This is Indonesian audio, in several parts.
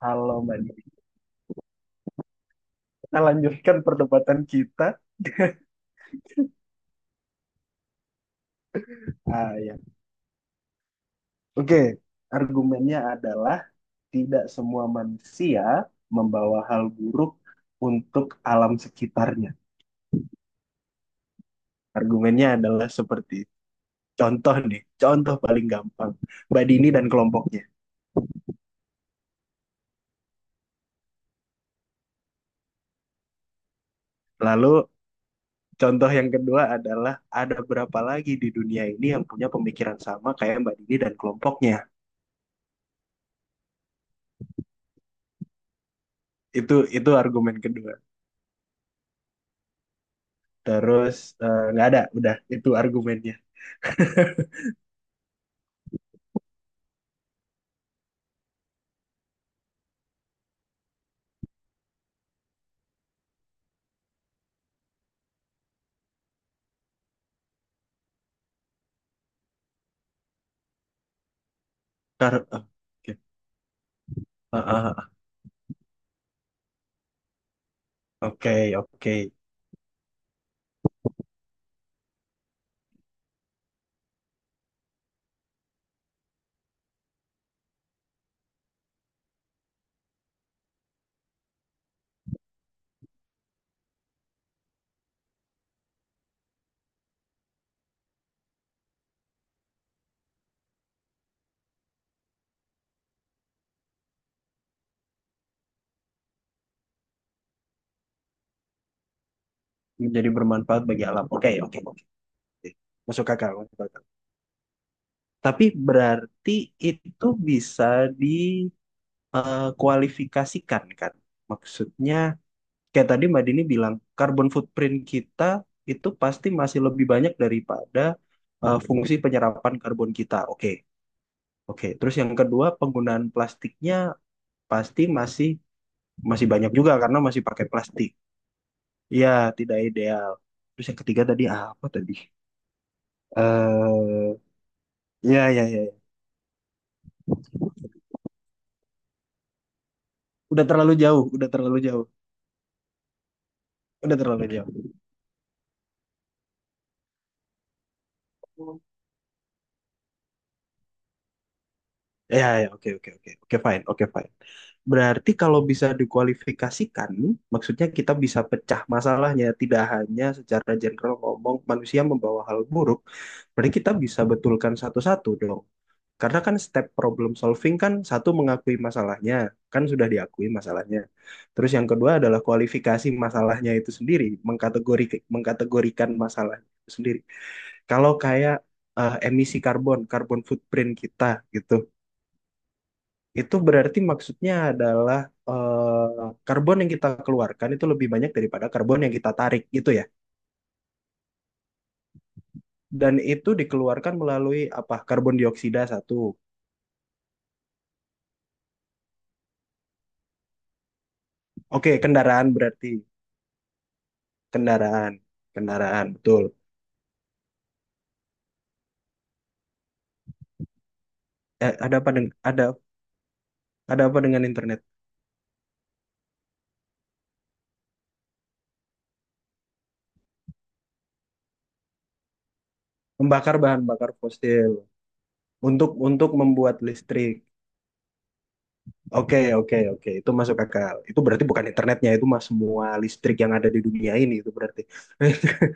Halo Mbak Dini. Kita lanjutkan perdebatan kita. Ah, ya. Oke, argumennya adalah tidak semua manusia membawa hal buruk untuk alam sekitarnya. Argumennya adalah seperti itu. Contoh nih, contoh paling gampang. Mbak Dini dan kelompoknya. Lalu contoh yang kedua adalah ada berapa lagi di dunia ini yang punya pemikiran sama kayak Mbak Dini dan kelompoknya. Itu argumen kedua. Terus nggak ada, udah itu argumennya. Tar- eh, Oke. Ah, ah, ah. Oke, oke. Menjadi bermanfaat bagi alam. Oke, oke, oke, oke. Masuk akal, masuk akal. Tapi berarti itu bisa dikualifikasikan, kan? Maksudnya, kayak tadi Mbak Dini bilang, carbon footprint kita itu pasti masih lebih banyak daripada fungsi penyerapan karbon kita. Oke, oke. Terus yang kedua, penggunaan plastiknya pasti masih masih banyak juga karena masih pakai plastik. Iya, tidak ideal. Terus yang ketiga tadi apa tadi? Eh, ya, ya, ya, ya. Udah terlalu jauh, udah terlalu jauh, udah terlalu jauh. Ya, ya, oke, oke, oke, oke, fine, oke, fine. Berarti kalau bisa dikualifikasikan, maksudnya kita bisa pecah masalahnya, tidak hanya secara general ngomong manusia membawa hal buruk, berarti kita bisa betulkan satu-satu dong. Karena kan step problem solving kan satu mengakui masalahnya, kan sudah diakui masalahnya. Terus yang kedua adalah kualifikasi masalahnya itu sendiri, mengkategorikan masalahnya itu sendiri. Kalau kayak emisi karbon, karbon footprint kita gitu, itu berarti maksudnya adalah karbon yang kita keluarkan itu lebih banyak daripada karbon yang kita tarik gitu ya. Dan itu dikeluarkan melalui apa? Karbon dioksida satu. Oke, kendaraan berarti kendaraan, kendaraan betul. eh, ada apa dengan ada ada apa dengan internet? Membakar bahan bakar fosil untuk membuat listrik. Oke, oke, oke. Itu masuk akal. Itu berarti bukan internetnya, itu mah semua listrik yang ada di dunia ini itu berarti.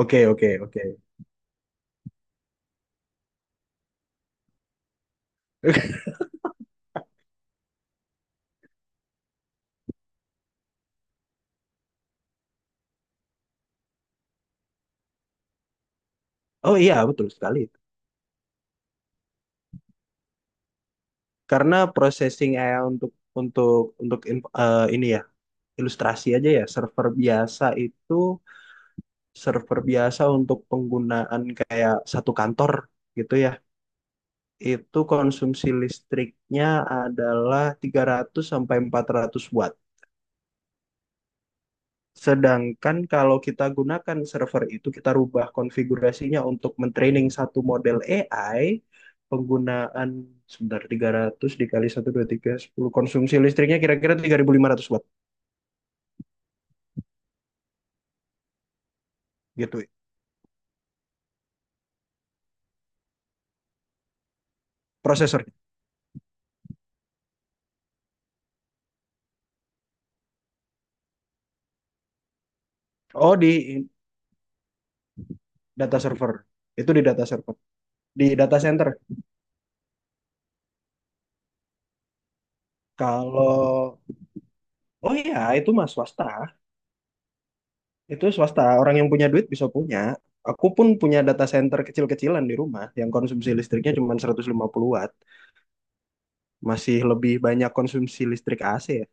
Oke, oke, oke. Oh iya, betul sekali. Karena processing AI untuk ini ya, ilustrasi aja ya, server biasa itu server biasa untuk penggunaan kayak satu kantor gitu ya. Itu konsumsi listriknya adalah 300 sampai 400 watt. Sedangkan kalau kita gunakan server itu, kita rubah konfigurasinya untuk mentraining satu model AI, penggunaan sebentar 300 dikali 1 2 3 10 konsumsi listriknya kira-kira 3.500 watt gitu. Prosesor. Oh, di data server. Itu di data server. Di data center. Kalau, oh iya, itu mah swasta. Itu swasta, orang yang punya duit bisa punya. Aku pun punya data center kecil-kecilan di rumah yang konsumsi listriknya cuma 150 watt. Masih lebih banyak konsumsi listrik AC ya.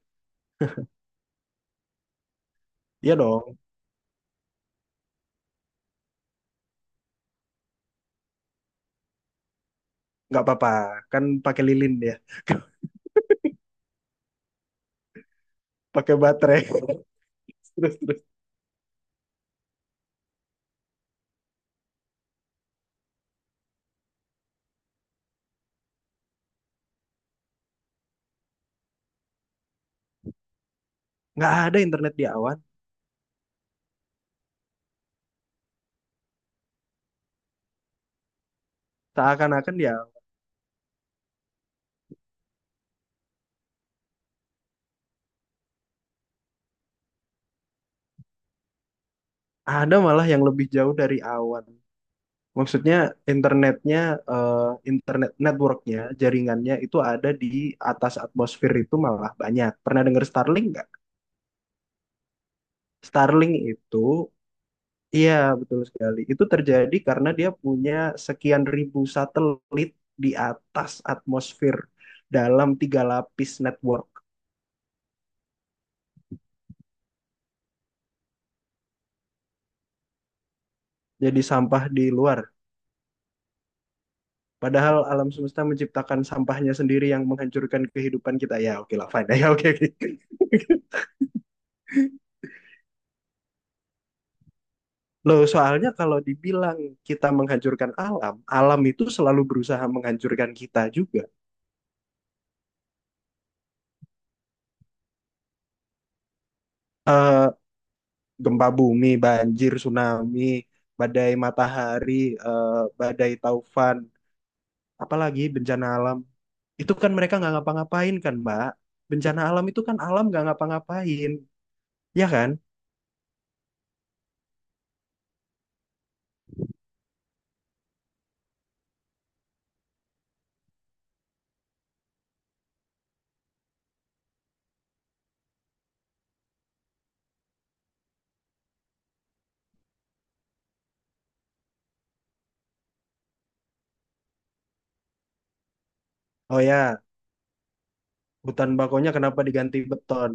Iya dong, nggak apa-apa. Kan pakai lilin dia, pakai baterai. Terus, terus. Nggak ada internet di awan. Seakan-akan ya ada malah yang lebih jauh dari awan. Maksudnya internetnya, eh, internet networknya, jaringannya itu ada di atas atmosfer itu malah banyak. Pernah dengar Starlink nggak? Starlink itu, iya, betul sekali. Itu terjadi karena dia punya sekian ribu satelit di atas atmosfer dalam 3 lapis network. Jadi sampah di luar. Padahal alam semesta menciptakan sampahnya sendiri yang menghancurkan kehidupan kita. Ya, oke lah, fine. Ya, oke, oke. Loh, soalnya kalau dibilang kita menghancurkan alam, alam itu selalu berusaha menghancurkan kita juga. Eh, Gempa bumi, banjir, tsunami, badai matahari, badai taufan, apalagi bencana alam. Itu kan mereka nggak ngapa-ngapain kan, Mbak. Bencana alam itu kan alam nggak ngapa-ngapain, ya kan? Oh ya, hutan bakonya kenapa diganti beton?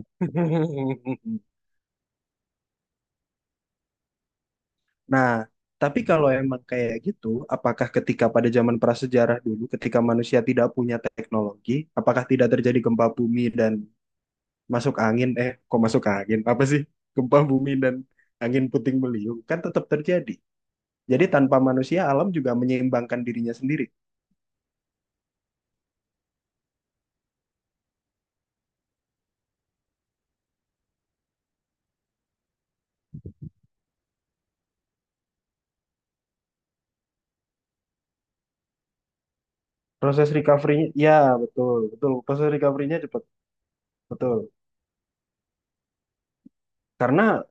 Nah, tapi kalau emang kayak gitu, apakah ketika pada zaman prasejarah dulu, ketika manusia tidak punya teknologi, apakah tidak terjadi gempa bumi dan masuk angin? Eh, kok masuk angin? Apa sih? Gempa bumi dan angin puting beliung kan tetap terjadi. Jadi tanpa manusia, alam juga menyeimbangkan dirinya sendiri. Proses recovery-nya, ya betul, betul. Proses recovery-nya cepat, betul. Karena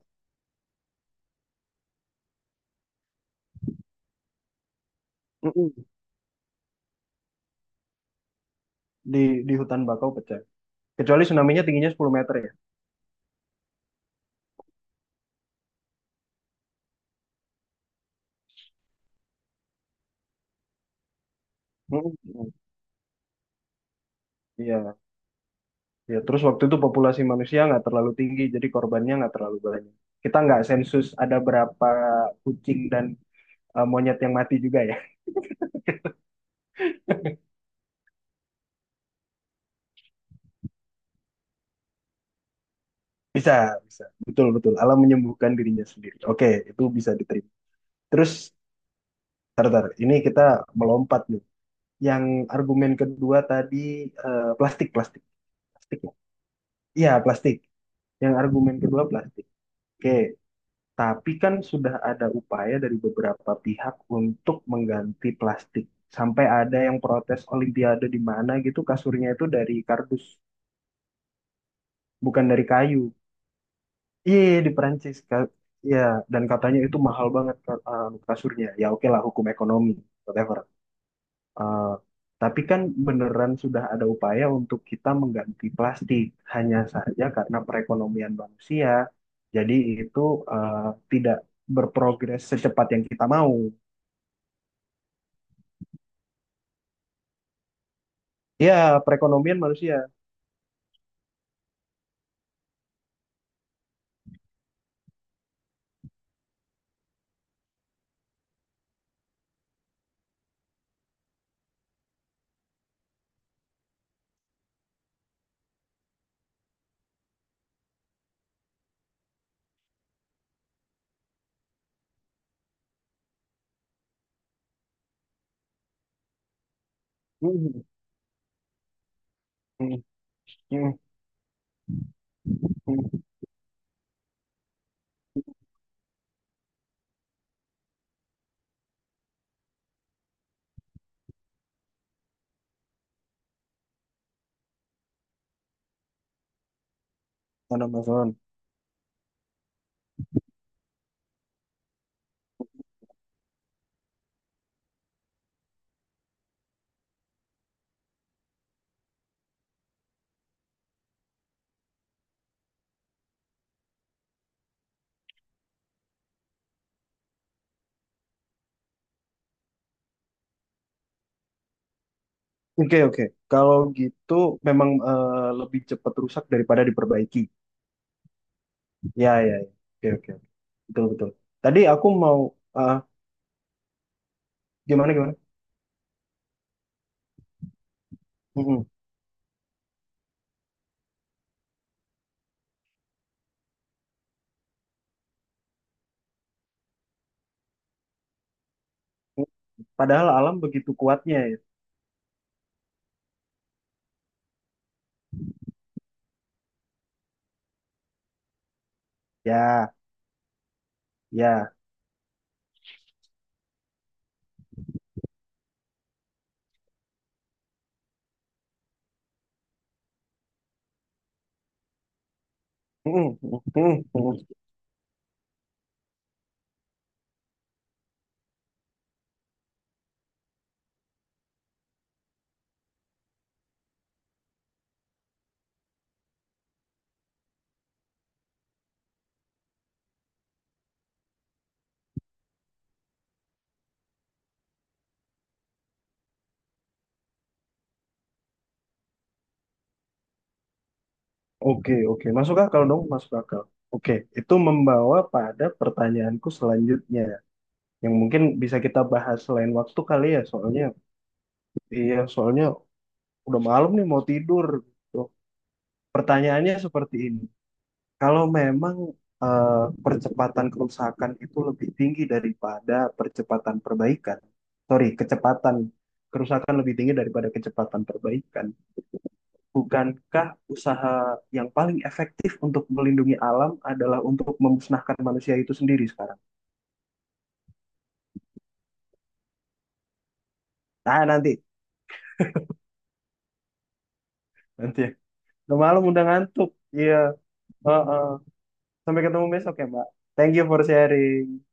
mm-mm, di di hutan bakau pecah. Kecuali tsunami-nya tingginya 10 meter ya. Mm-mm. Iya, ya. Terus waktu itu populasi manusia nggak terlalu tinggi, jadi korbannya nggak terlalu banyak. Kita nggak sensus ada berapa kucing dan monyet yang mati juga ya. Bisa, bisa. Betul, betul. Alam menyembuhkan dirinya sendiri. Oke, itu bisa diterima. Terus, tar, tar, ini kita melompat nih. Yang argumen kedua tadi plastik, plastik. Plastik ya? Iya, plastik. Yang argumen kedua plastik. Oke, tapi kan sudah ada upaya dari beberapa pihak untuk mengganti plastik. Sampai ada yang protes Olimpiade di mana gitu kasurnya itu dari kardus, bukan dari kayu. Iya, iya, di Perancis. Iya, dan katanya itu mahal banget kasurnya. Ya oke lah, hukum ekonomi, whatever. Eh, tapi kan beneran sudah ada upaya untuk kita mengganti plastik. Hanya saja karena perekonomian manusia, jadi itu eh, tidak berprogres secepat yang kita mau. Ya, perekonomian manusia. Mhm, mhm, mhm, mhm. Tanam Amazon. Oke, oke. Kalau gitu memang lebih cepat rusak daripada diperbaiki. Ya, ya, ya. Oke, oke. Betul, betul. Tadi aku mau eh, gimana gimana? Mhm. Padahal alam begitu kuatnya ya. Ya, ya. Mm, mm, mm, mm. Oke, oke. Masuk akal dong, masuk akal. Oke, itu membawa pada pertanyaanku selanjutnya. Yang mungkin bisa kita bahas selain waktu kali ya, soalnya iya, soalnya udah malam nih mau tidur. Tuh. Pertanyaannya seperti ini. Kalau memang eh, percepatan kerusakan itu lebih tinggi daripada percepatan perbaikan. Sorry, kecepatan kerusakan lebih tinggi daripada kecepatan perbaikan. Bukankah usaha yang paling efektif untuk melindungi alam adalah untuk memusnahkan manusia itu sendiri sekarang? Nah, nanti, nanti. Udah malam, udah ngantuk. Iya. Heeh. Sampai ketemu besok ya, Mbak. Thank you for sharing.